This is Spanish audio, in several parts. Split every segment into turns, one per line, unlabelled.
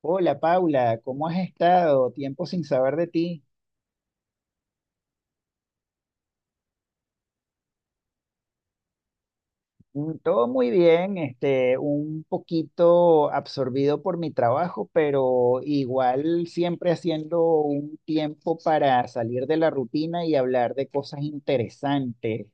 Hola Paula, ¿cómo has estado? Tiempo sin saber de ti. Todo muy bien, un poquito absorbido por mi trabajo, pero igual siempre haciendo un tiempo para salir de la rutina y hablar de cosas interesantes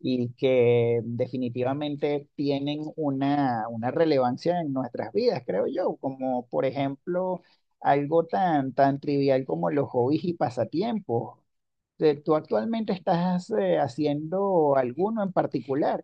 y que definitivamente tienen una relevancia en nuestras vidas, creo yo, como por ejemplo algo tan trivial como los hobbies y pasatiempos. ¿Tú actualmente estás haciendo alguno en particular?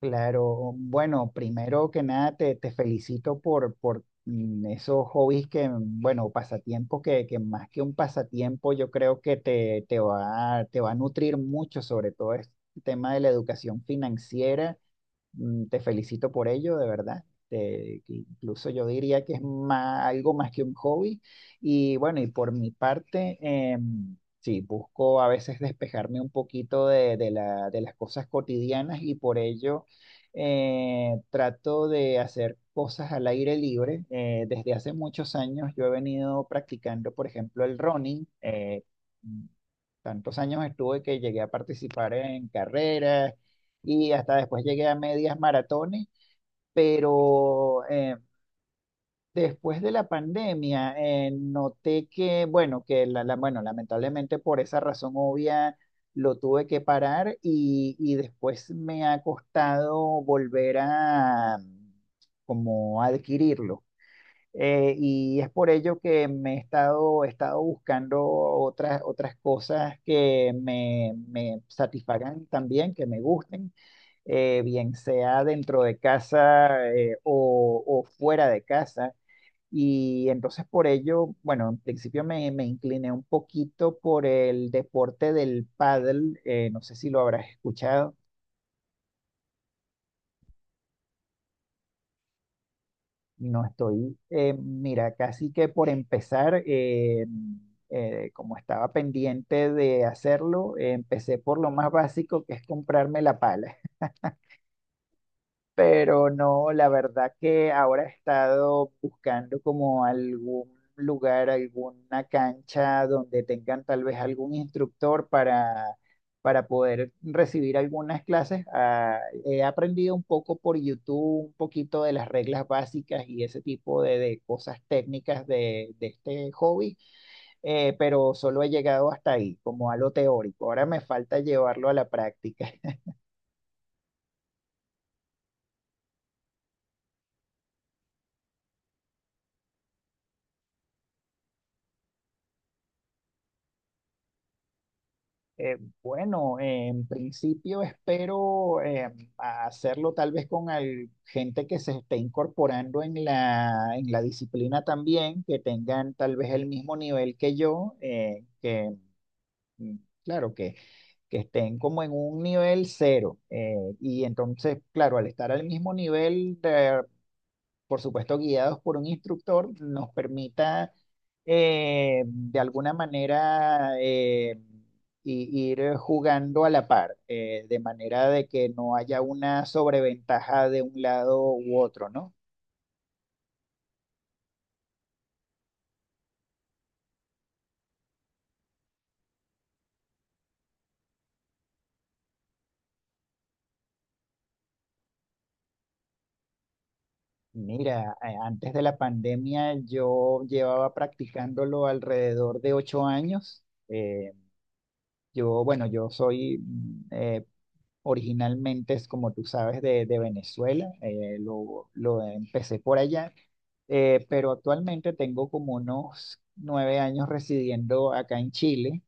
Claro, bueno, primero que nada te felicito por esos hobbies bueno, pasatiempos que más que un pasatiempo yo creo que te va a nutrir mucho, sobre todo el tema de la educación financiera. Te felicito por ello, de verdad. Que incluso yo diría que es algo más que un hobby. Y bueno, y por mi parte, sí, busco a veces despejarme un poquito de las cosas cotidianas y por ello trato de hacer cosas al aire libre. Desde hace muchos años yo he venido practicando, por ejemplo, el running. Mm, Tantos años estuve que llegué a participar en carreras y hasta después llegué a medias maratones, pero después de la pandemia noté que, bueno, bueno, lamentablemente por esa razón obvia lo tuve que parar y después me ha costado volver a como adquirirlo. Y es por ello que he estado buscando otras cosas que me satisfagan también, que me gusten bien sea dentro de casa o fuera de casa. Y entonces por ello, bueno, en principio me incliné un poquito por el deporte del pádel. No sé si lo habrás escuchado, no estoy, mira, casi que por empezar, como estaba pendiente de hacerlo, empecé por lo más básico que es comprarme la pala. Pero no, la verdad que ahora he estado buscando como algún lugar, alguna cancha donde tengan tal vez algún instructor para poder recibir algunas clases. He aprendido un poco por YouTube, un poquito de las reglas básicas y ese tipo de cosas técnicas de este hobby, pero solo he llegado hasta ahí, como a lo teórico. Ahora me falta llevarlo a la práctica. Eh, bueno, en principio espero hacerlo tal vez con gente que se esté incorporando en en la disciplina también, que tengan tal vez el mismo nivel que yo, mm, claro, que estén como en un nivel cero. Y entonces, claro, al estar al mismo nivel, por supuesto guiados por un instructor, nos permita de alguna manera ir jugando a la par, de manera de que no haya una sobreventaja de un lado u otro, ¿no? Mira, antes de la pandemia yo llevaba practicándolo alrededor de 8 años. Yo soy originalmente, es como tú sabes, de Venezuela, lo empecé por allá, pero actualmente tengo como unos 9 años residiendo acá en Chile.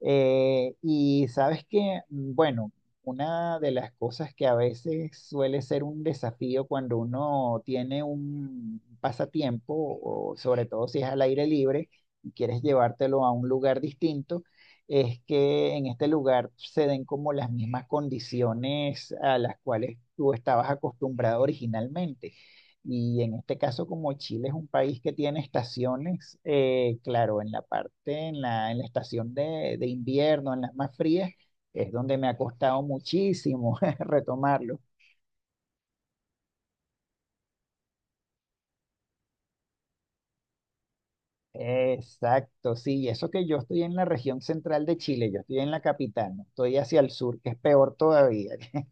Y sabes que, bueno, una de las cosas que a veces suele ser un desafío cuando uno tiene un pasatiempo, o sobre todo si es al aire libre y quieres llevártelo a un lugar distinto es que en este lugar se den como las mismas condiciones a las cuales tú estabas acostumbrado originalmente. Y en este caso, como Chile es un país que tiene estaciones, claro, en la parte, en la estación de invierno, en las más frías, es donde me ha costado muchísimo retomarlo. Exacto, sí, y eso que yo estoy en la región central de Chile, yo estoy en la capital, no estoy hacia el sur, que es peor todavía.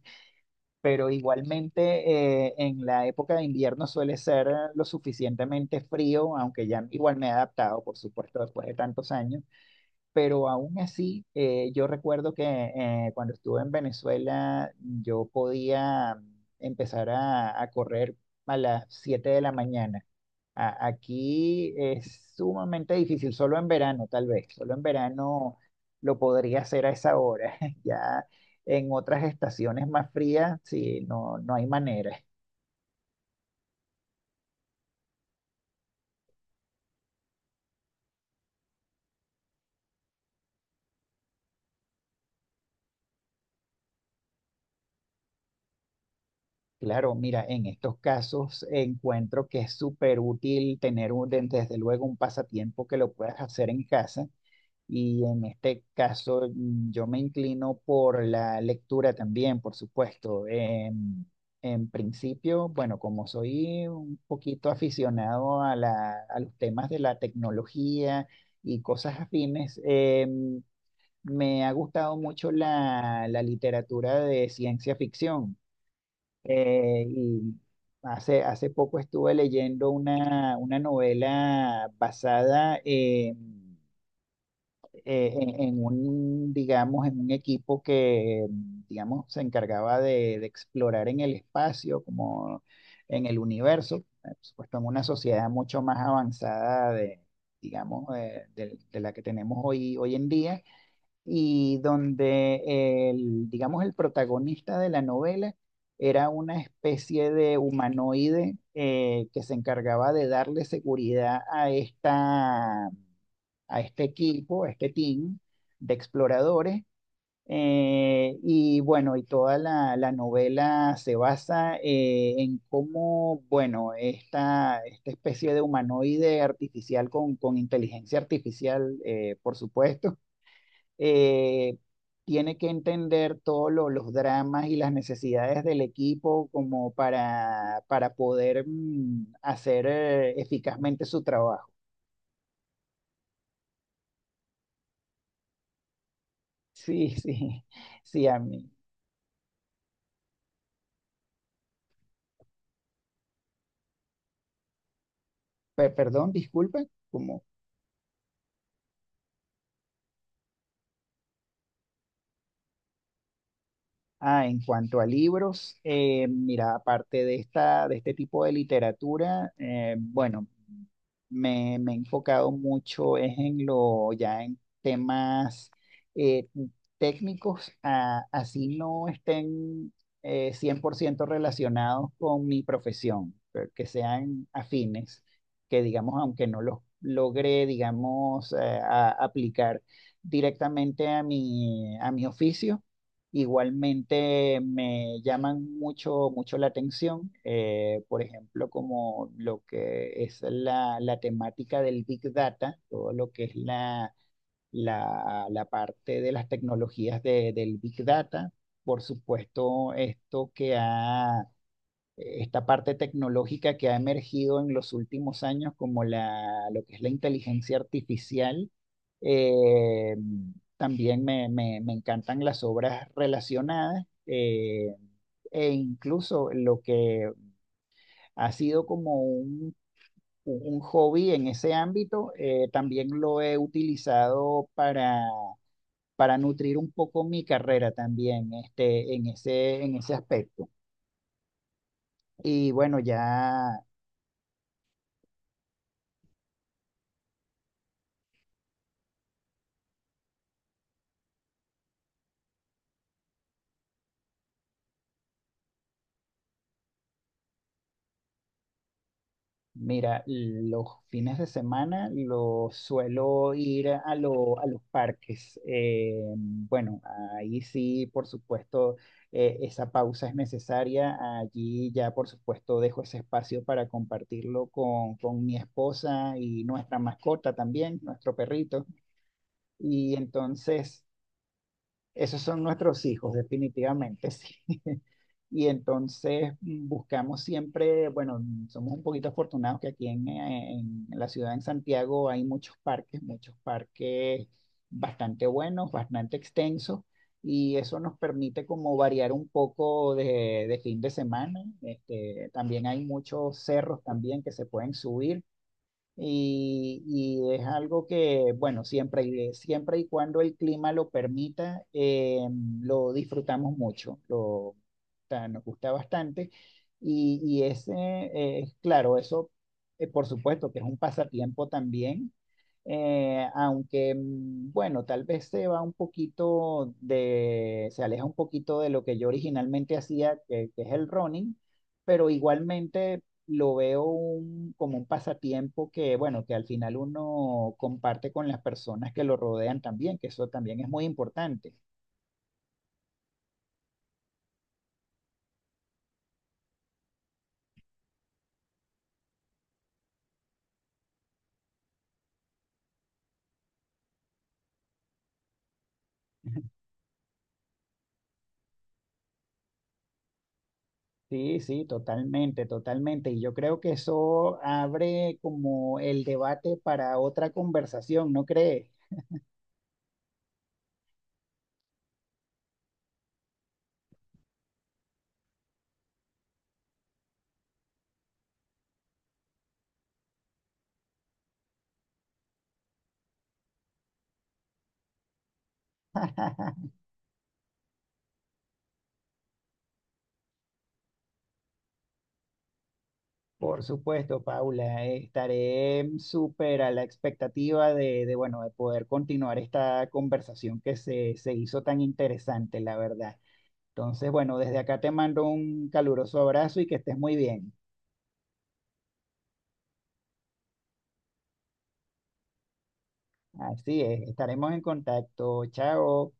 Pero igualmente en la época de invierno suele ser lo suficientemente frío, aunque ya igual me he adaptado, por supuesto, después de tantos años, pero aún así yo recuerdo que cuando estuve en Venezuela yo podía empezar a correr a las 7 de la mañana. Aquí es sumamente difícil, solo en verano tal vez, solo en verano lo podría hacer a esa hora. Ya en otras estaciones más frías, sí, no, no hay manera. Claro, mira, en estos casos encuentro que es súper útil tener desde luego un pasatiempo que lo puedas hacer en casa. Y en este caso yo me inclino por la lectura también, por supuesto. En principio, bueno, como soy un poquito aficionado a a los temas de la tecnología y cosas afines, me ha gustado mucho la literatura de ciencia ficción. Y hace, hace poco estuve leyendo una novela basada en en un, digamos, en un equipo que, digamos, se encargaba de explorar en el espacio, como en el universo, por supuesto, en una sociedad mucho más avanzada de la que tenemos hoy, hoy en día, y donde el, digamos, el protagonista de la novela era una especie de humanoide que se encargaba de darle seguridad a esta a este equipo, a este team de exploradores. Y bueno, y toda la novela se basa en cómo, bueno, esta especie de humanoide artificial con inteligencia artificial, por supuesto, eh, tiene que entender todos los dramas y las necesidades del equipo como para poder hacer eficazmente su trabajo. Sí, sí, sí, a mí. Perdón, disculpe, como, ah, en cuanto a libros, mira, aparte de esta, de este tipo de literatura, bueno, me he enfocado mucho es en lo, ya en temas eh, técnicos, así no estén 100% relacionados con mi profesión, pero que sean afines, que digamos, aunque no los logre, digamos, aplicar directamente a a mi oficio. Igualmente me llaman mucho la atención, por ejemplo, como lo que es la temática del Big Data, todo lo que es la parte de las tecnologías del Big Data. Por supuesto, esta parte tecnológica que ha emergido en los últimos años como lo que es la inteligencia artificial. Eh, También me encantan las obras relacionadas e incluso lo que ha sido como un hobby en ese ámbito, también lo he utilizado para nutrir un poco mi carrera también este, en ese aspecto. Y bueno, ya mira, los fines de semana los suelo ir a los parques. Bueno, ahí sí, por supuesto, esa pausa es necesaria. Allí ya, por supuesto, dejo ese espacio para compartirlo con mi esposa y nuestra mascota también, nuestro perrito. Y entonces... Esos son nuestros hijos, definitivamente, sí. Y entonces buscamos siempre, bueno, somos un poquito afortunados que aquí en la ciudad, en Santiago, hay muchos parques bastante buenos, bastante extensos, y eso nos permite como variar un poco de fin de semana. Este, también hay muchos cerros también que se pueden subir. Y es algo que, bueno, siempre y cuando el clima lo permita, lo disfrutamos mucho, lo, o sea, nos gusta bastante. Y, y ese, eh, claro, eso, por supuesto que es un pasatiempo también, aunque, bueno, tal vez se aleja un poquito de lo que yo originalmente hacía, que es el running, pero igualmente lo veo como un pasatiempo que, bueno, que al final uno comparte con las personas que lo rodean también, que eso también es muy importante. Sí, sí, totalmente, totalmente. Y yo creo que eso abre como el debate para otra conversación, ¿no crees? Por supuesto, Paula, estaré súper a la expectativa bueno, de poder continuar esta conversación que se hizo tan interesante, la verdad. Entonces, bueno, desde acá te mando un caluroso abrazo y que estés muy bien. Así es, estaremos en contacto. Chao.